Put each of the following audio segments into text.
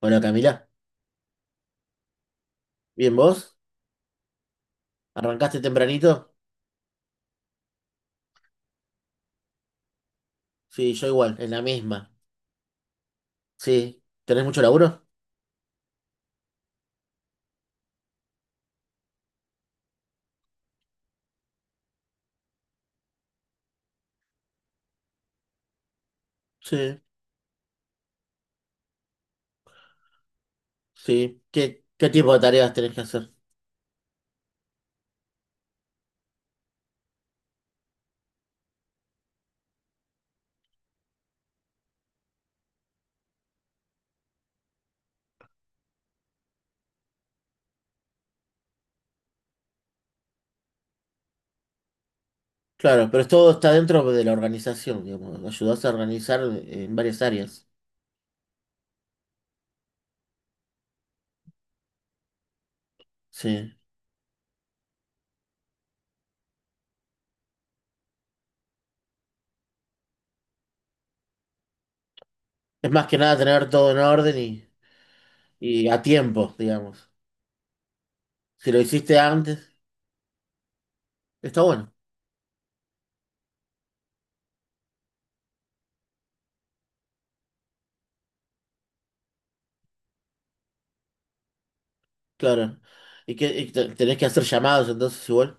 Hola Camila, ¿bien vos? ¿Arrancaste tempranito? Sí, yo igual, en la misma. Sí, ¿tenés mucho laburo? Sí, sí. ¿Qué tipo de tareas tenés que hacer? Claro, pero todo está dentro de la organización, digamos. Ayudás a organizar en varias áreas. Sí. Es más que nada tener todo en orden y a tiempo, digamos. Si lo hiciste antes, está bueno, claro. ¿Y tenés que hacer llamados entonces igual?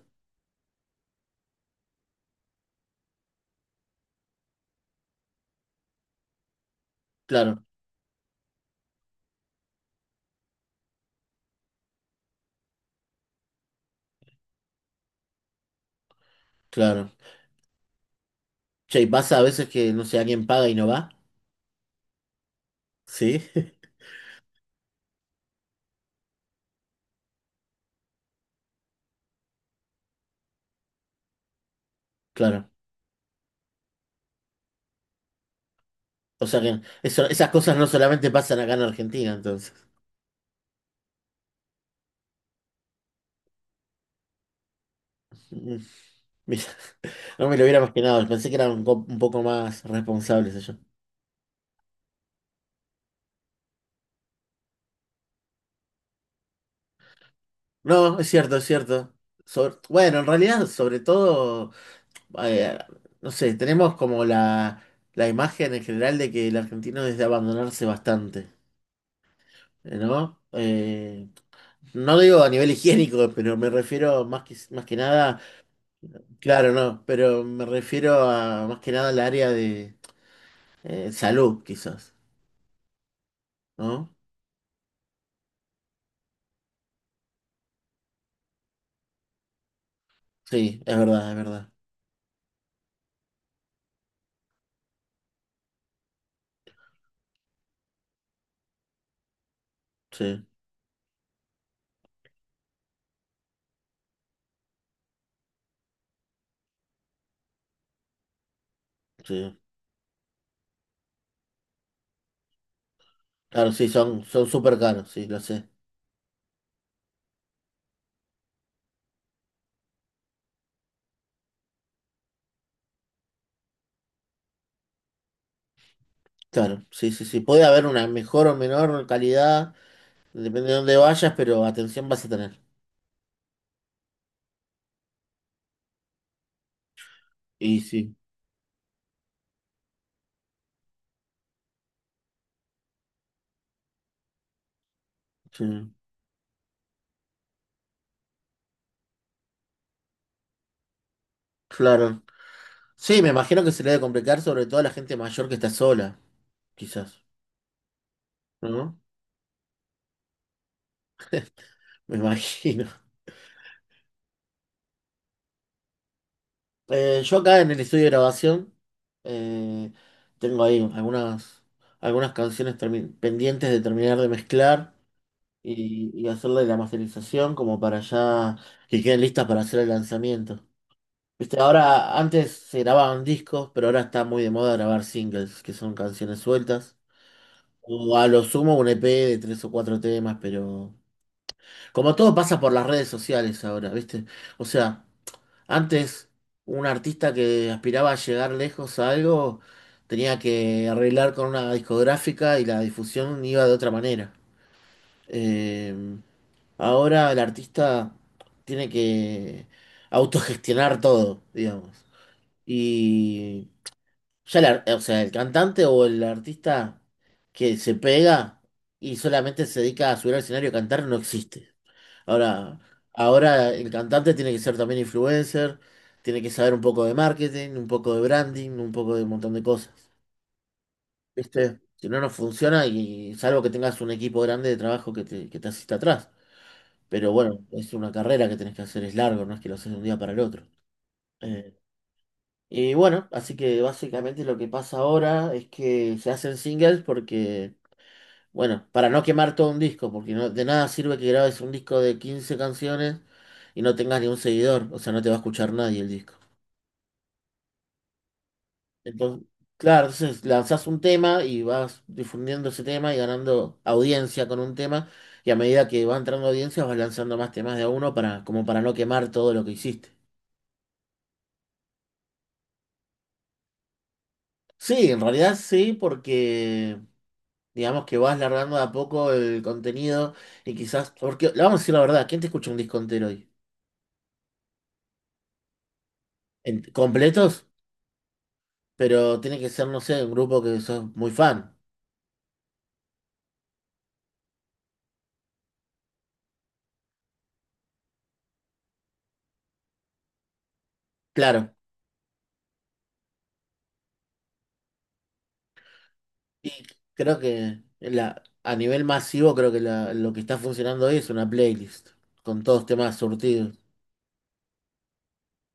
Claro, claro. Che, ¿y pasa a veces que, no sé, alguien paga y no va? Sí. Claro. O sea que esas cosas no solamente pasan acá en Argentina, entonces. Mm, Mira, no me lo hubiera imaginado. Pensé que eran un poco más responsables ellos. No, es cierto, es cierto. Bueno, en realidad, sobre todo, eh, no sé, tenemos como la imagen en general de que el argentino es de abandonarse bastante, ¿no? No digo a nivel higiénico, pero me refiero más que nada, Claro, no, pero me refiero a más que nada al área de Salud, quizás, ¿no? Sí, es verdad, es verdad. Sí, sí. Claro, sí, son súper caros, sí, lo sé. Claro, sí, sí, sí. Puede haber una mejor o menor calidad, depende de dónde vayas, pero atención vas a tener. Y sí, sí, claro. Sí, me imagino que se le debe complicar sobre todo a la gente mayor que está sola, quizás, ¿no? Me imagino. Yo acá en el estudio de grabación eh, tengo ahí algunas canciones pendientes de terminar de mezclar. Y hacerle la masterización como para ya que queden listas para hacer el lanzamiento. Viste, ahora antes se grababan discos, pero ahora está muy de moda grabar singles, que son canciones sueltas. O a lo sumo un EP de tres o cuatro temas, pero como todo pasa por las redes sociales ahora, ¿viste? O sea, antes un artista que aspiraba a llegar lejos a algo tenía que arreglar con una discográfica y la difusión iba de otra manera. Eh, Ahora el artista tiene que autogestionar todo, digamos. Y ya o sea, el cantante o el artista que se pega y solamente se dedica a subir al escenario a cantar no existe. Ahora, ahora el cantante tiene que ser también influencer, tiene que saber un poco de marketing, un poco de branding, un poco de un montón de cosas. ¿Viste? Si no, no funciona y salvo que tengas un equipo grande de trabajo que te asista atrás. Pero bueno, es una carrera que tenés que hacer, es largo, no es que lo haces de un día para el otro. Eh, y bueno, así que básicamente lo que pasa ahora es que se hacen singles porque, bueno, para no quemar todo un disco, porque no, de nada sirve que grabes un disco de 15 canciones y no tengas ni un seguidor, o sea, no te va a escuchar nadie el disco. Entonces, claro, entonces lanzás un tema y vas difundiendo ese tema y ganando audiencia con un tema, y a medida que va entrando audiencia vas lanzando más temas de a uno para, como para no quemar todo lo que hiciste. Sí, en realidad sí, porque digamos que vas largando de a poco el contenido y quizás, porque le vamos a decir la verdad, ¿quién te escucha un disco entero hoy? Completos, pero tiene que ser, no sé, un grupo que sos muy fan, claro. Y creo que a nivel masivo, creo que lo que está funcionando hoy es una playlist, con todos temas surtidos.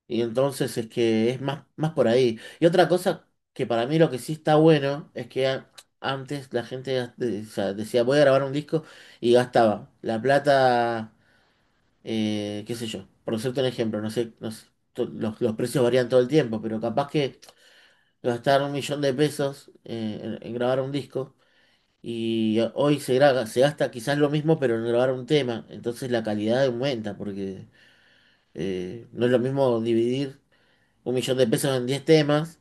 Y entonces es que es más por ahí. Y otra cosa que para mí lo que sí está bueno es que antes la gente o sea, decía voy a grabar un disco y gastaba la plata, qué sé yo, por cierto un ejemplo, no sé, los precios varían todo el tiempo, pero capaz que gastar 1.000.000 de pesos en grabar un disco y hoy se gasta quizás lo mismo pero en grabar un tema, entonces la calidad aumenta porque no es lo mismo dividir 1.000.000 de pesos en 10 temas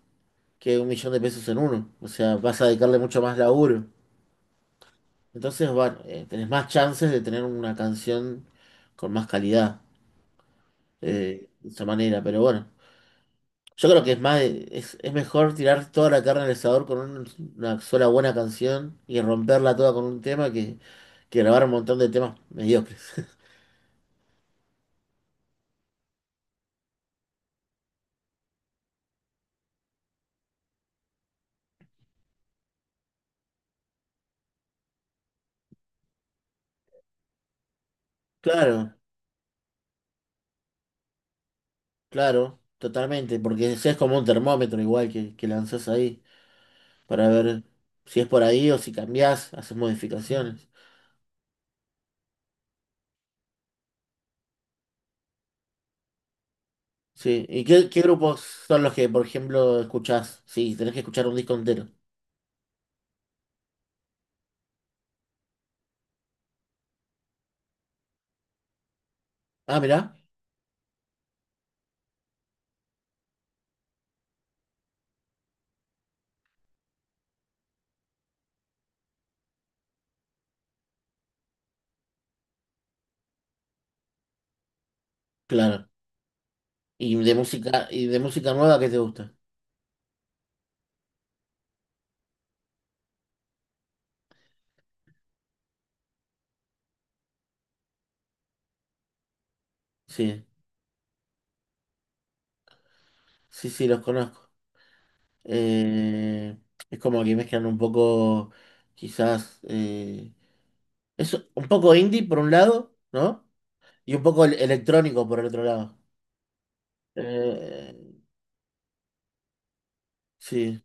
que 1.000.000 de pesos en uno. O sea, vas a dedicarle mucho más laburo. Entonces, bueno, tenés más chances de tener una canción con más calidad de esa manera. Pero bueno, yo creo que es más, es mejor tirar toda la carne al asador con una sola buena canción y romperla toda con un tema que grabar un montón de temas mediocres. Claro, claro, totalmente, porque ese es como un termómetro igual que lanzás ahí. Para ver si es por ahí o si cambiás, haces modificaciones. Sí, ¿y qué grupos son los que, por ejemplo, escuchás? Sí, tenés que escuchar un disco entero. Ah, mirá, claro. Y de música nueva, ¿qué te gusta? Sí, sí, sí, los conozco. Eh, es como que mezclan un poco, quizás, es un poco indie por un lado, ¿no? Y un poco electrónico por el otro lado. Eh, sí.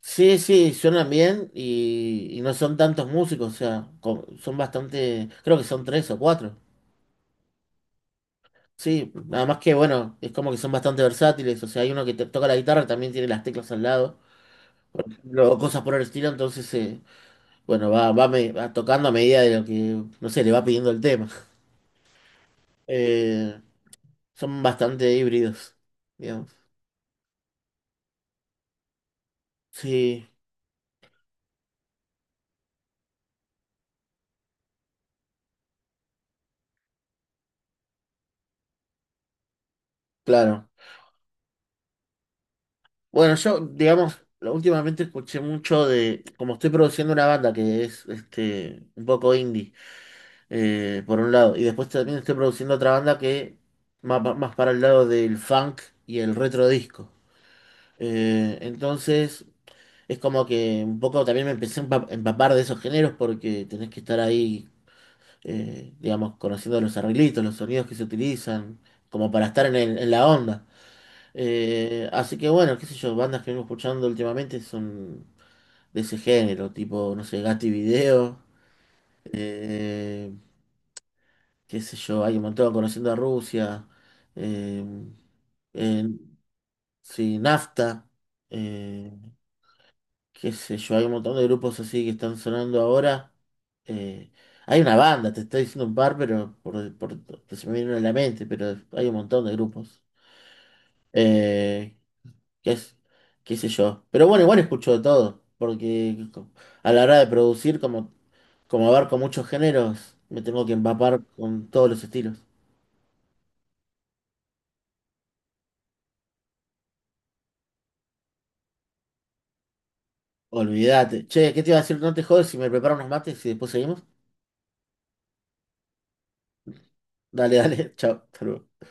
Sí, sí, suenan bien y no son tantos músicos, o sea, son bastante, creo que son tres o cuatro. Sí, nada más que bueno, es como que son bastante versátiles, o sea, hay uno que te toca la guitarra, también tiene las teclas al lado, o cosas por el estilo, entonces, bueno, va tocando a medida de lo que, no sé, le va pidiendo el tema. Eh, son bastante híbridos, digamos. Sí, claro. Bueno, yo, digamos, últimamente escuché mucho de, como estoy produciendo una banda que es este, un poco indie, por un lado, y después también estoy produciendo otra banda que más para el lado del funk y el retro disco. Entonces, es como que un poco también me empecé a empapar de esos géneros porque tenés que estar ahí, digamos, conociendo los arreglitos, los sonidos que se utilizan, como para estar en en la onda. Así que bueno, qué sé yo, bandas que vengo escuchando últimamente son de ese género, tipo, no sé, Gatti Video, eh, qué sé yo, hay un montón, Conociendo a Rusia, eh, eh, sí, Nafta, eh, qué sé yo, hay un montón de grupos así que están sonando ahora. eh, hay una banda, te estoy diciendo un par, pero que se me vienen a la mente, pero hay un montón de grupos. Eh, qué, es- qué sé yo. Pero bueno, igual escucho de todo, porque a la hora de producir, como abarco muchos géneros, me tengo que empapar con todos los estilos. Olvídate. Che, ¿qué te iba a decir? No te jodes si me preparo unos mates y después seguimos. Dale, dale, chao, hasta luego.